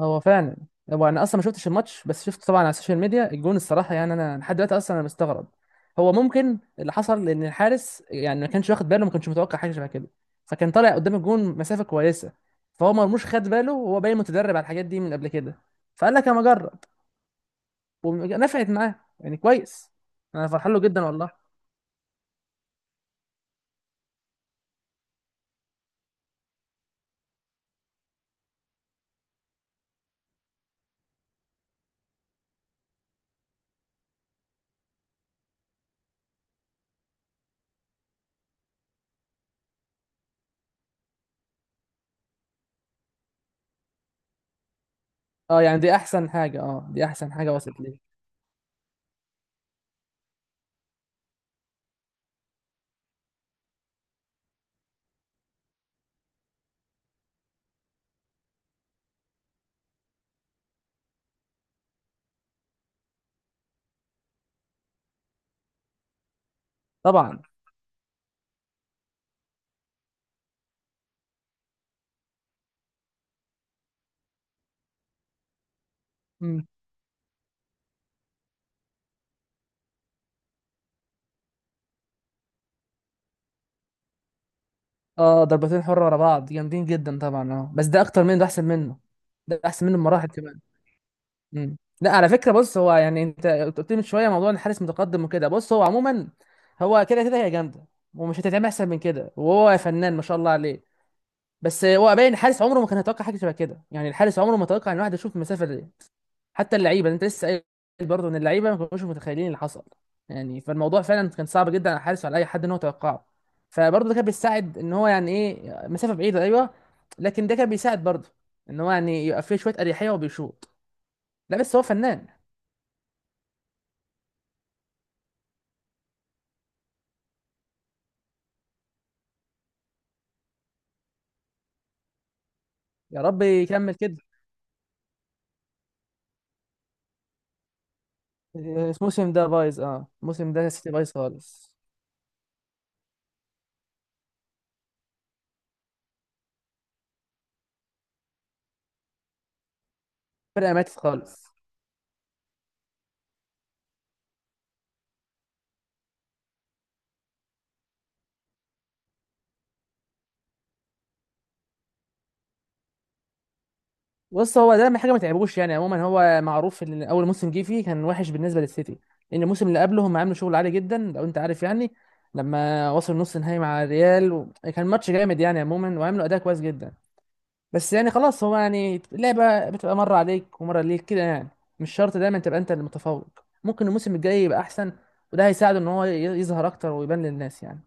هو فعلا. هو انا اصلا ما شفتش الماتش، بس شفت طبعا على السوشيال ميديا الجون. الصراحه يعني انا لحد دلوقتي اصلا انا مستغرب. هو ممكن اللي حصل ان الحارس يعني ما كانش واخد باله، ما كانش متوقع حاجه شبه كده. فكان طالع قدام الجون مسافه كويسه. فهو مرموش خد باله، وهو باين متدرب على الحاجات دي من قبل كده. فقال لك انا اجرب. ونفعت معاه يعني كويس. انا فرحان له جدا والله. اه، يعني دي احسن حاجه، اه دي احسن حاجه وصلت لي طبعا. مم. اه، ضربتين حره ورا بعض جامدين جدا طبعا، اه بس ده اكتر منه، ده احسن منه. ده احسن منه بمراحل كمان. مم. لا، على فكره، بص هو يعني انت قلت لي من شويه موضوع ان الحارس متقدم وكده. بص هو عموما، هو كده كده هي جامده، ومش هتتعمل احسن من كده، وهو فنان ما شاء الله عليه. بس هو باين الحارس عمره ما كان يتوقع حاجه شبه كده. يعني الحارس عمره ما توقع ان واحد يشوف المسافه دي. حتى اللعيبه انت لسه قايل برضه ان اللعيبه ما كانوش متخيلين اللي حصل. يعني فالموضوع فعلا كان صعب جدا على الحارس وعلى اي حد ان هو يتوقعه. فبرضه ده كان بيساعد، ان هو يعني ايه مسافه بعيده، ايوه. لكن ده كان بيساعد برضه، ان هو يعني يبقى فيه شويه اريحيه وبيشوط. لا، بس هو فنان. يا رب يكمل كده. الموسم ده بايظ، اه الموسم ده سيتي بايظ خالص. فرقه ماتت خالص. بص، هو ده حاجه ما تعبوش يعني. عموما هو معروف ان اول موسم جه فيه كان وحش بالنسبه للسيتي. لان الموسم اللي قبله هم عملوا شغل عالي جدا لو انت عارف يعني. لما وصل نص نهائي مع الريال و كان ماتش جامد يعني عموما، وعملوا اداء كويس جدا. بس يعني خلاص، هو يعني اللعبه بتبقى مره عليك ومره ليك كده يعني. مش شرط دايما تبقى انت المتفوق. ممكن الموسم الجاي يبقى احسن. وده هيساعده ان هو يظهر اكتر ويبان للناس يعني.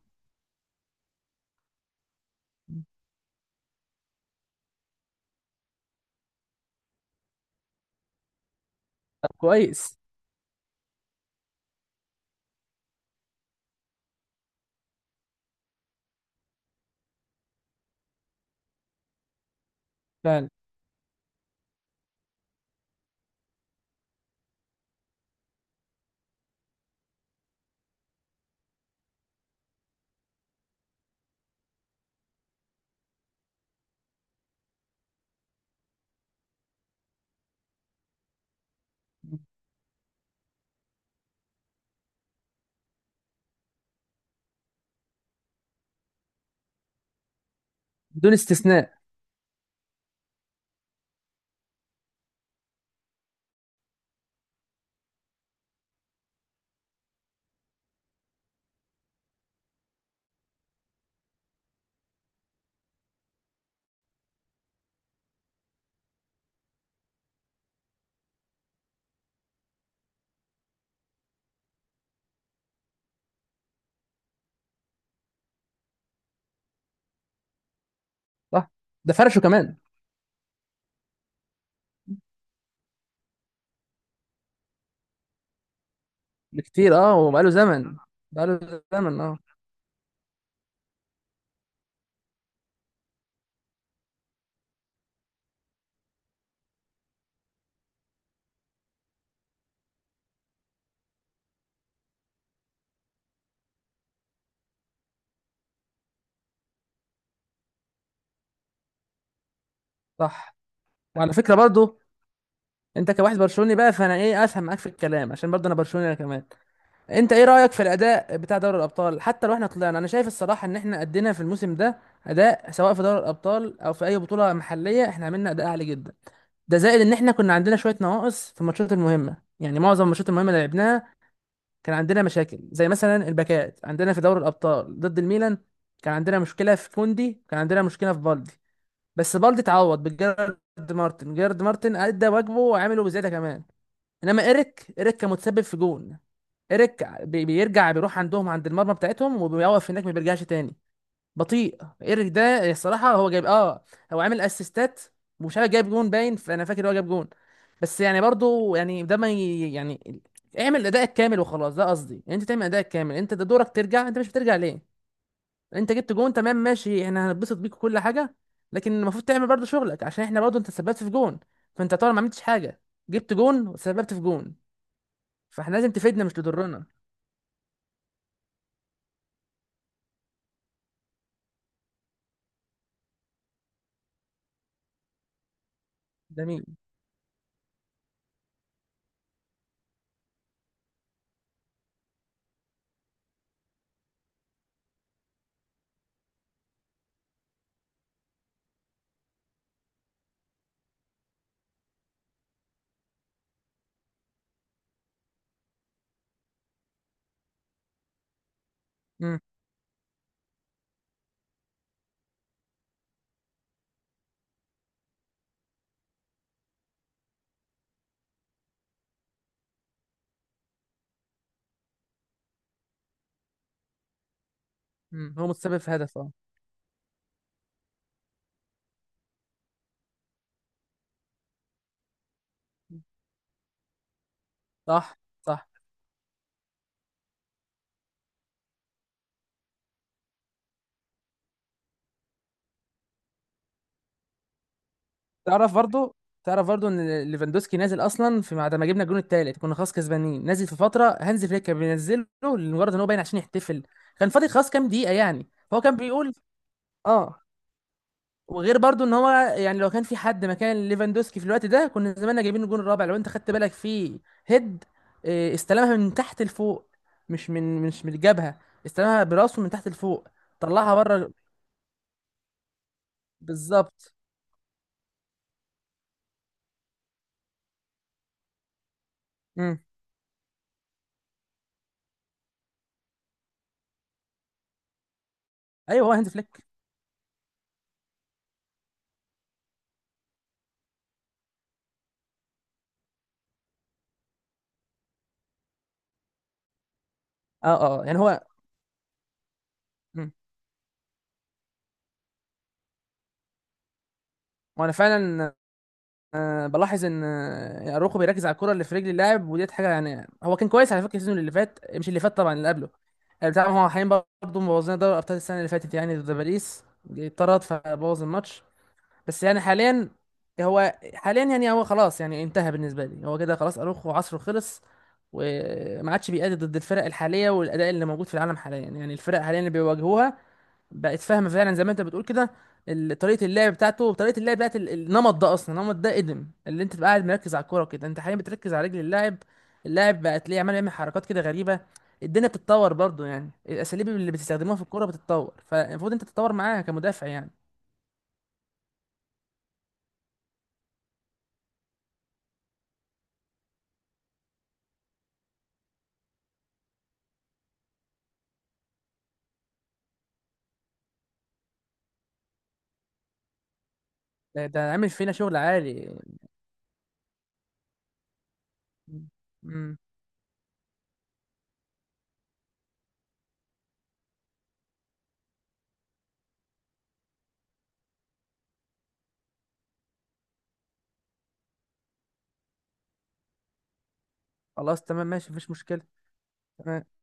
كويس. فعلا. بدون استثناء. صح. ده فرشه كمان. بكتير اه، وبقاله زمن. بقاله زمن اه. صح. وعلى فكره برضو، انت كواحد برشلوني بقى، فانا ايه افهم معاك في الكلام عشان برضو انا برشلوني انا كمان. انت ايه رايك في الاداء بتاع دوري الابطال؟ حتى لو احنا طلعنا، انا شايف الصراحه ان احنا ادينا في الموسم ده اداء، سواء في دوري الابطال او في اي بطوله محليه، احنا عملنا اداء عالي جدا. ده زائد ان احنا كنا عندنا شويه نواقص في الماتشات المهمه. يعني معظم الماتشات المهمه اللي لعبناها كان عندنا مشاكل، زي مثلا الباكات عندنا في دوري الابطال ضد الميلان. كان عندنا مشكله في كوندي، كان عندنا مشكله في بالدي. بس بالدي اتعوض بجيرارد. مارتن جيرارد مارتن ادى واجبه وعمله بزياده كمان. انما ايريك كان متسبب في جون. ايريك بيرجع، بيروح عندهم عند المرمى بتاعتهم وبيوقف هناك ما بيرجعش تاني. بطيء ايريك ده الصراحه. هو جايب اه، هو عامل اسيستات، ومش عارف جايب جون باين، فانا فاكر هو جايب جون. بس يعني برضو يعني ده ما يعني اعمل ادائك كامل وخلاص، ده قصدي يعني. انت تعمل ادائك كامل، انت ده دورك ترجع، انت مش بترجع ليه. انت جبت جون تمام ماشي، احنا هنتبسط بيك وكل حاجه. لكن المفروض تعمل برضو شغلك، عشان احنا برضو انت سببت في جون. فانت طبعا ما عملتش حاجه، جبت جون وسببت في جون. فاحنا لازم تفيدنا مش تضرنا. جميل. امم. هو متسبب في هدف اه. صح صح. تعرف برضو تعرف برضو ان ليفاندوسكي نازل اصلا، في بعد ما جبنا الجون التالت كنا خلاص كسبانين، نازل في فتره هانز فليك كان بينزله لمجرد ان هو باين عشان يحتفل. كان فاضل خلاص كام دقيقه يعني، فهو كان بيقول اه. وغير برضو ان هو يعني لو كان في حد مكان ليفاندوسكي في الوقت ده، كنا زماننا جايبين الجون الرابع. لو انت خدت بالك في هيد، استلمها من تحت لفوق، مش من الجبهه. استلمها براسه من تحت لفوق، طلعها بره. بالظبط. مم. ايوه، هو هانز فليك. اه اه آه. يعني هو. مم. وانا فعلا، بلاحظ ان اروخو بيركز على الكره اللي في رجل اللاعب، وديت حاجه يعني. هو كان كويس على فكره السيزون اللي فات، مش اللي فات طبعا، اللي قبله. يعني بتاع هو حاليا برضه مبوظين دوري ابطال السنه اللي فاتت، يعني ضد باريس اتطرد فبوظ الماتش. بس يعني حاليا، هو حاليا يعني هو خلاص، يعني انتهى بالنسبه لي. هو كده خلاص، اروخو عصره خلص، وما عادش بيأدي ضد الفرق الحاليه والاداء اللي موجود في العالم حاليا. يعني الفرق حاليا اللي بيواجهوها بقت فاهمه فعلا، زي ما انت بتقول كده. طريقه اللعب بتاعته وطريقه اللعب بتاعت النمط ده، قدم. اللي انت تبقى قاعد مركز على الكوره كده، انت حاليا بتركز على رجل اللاعب، اللاعب بقى تلاقيه عمال يعمل حركات كده غريبه. الدنيا بتتطور برضو، يعني الاساليب اللي بتستخدموها في الكوره بتتطور، فالمفروض انت تتطور معاها كمدافع يعني. ده عامل فينا شغل عالي. مم. خلاص تمام ماشي، مفيش مشكله. تمام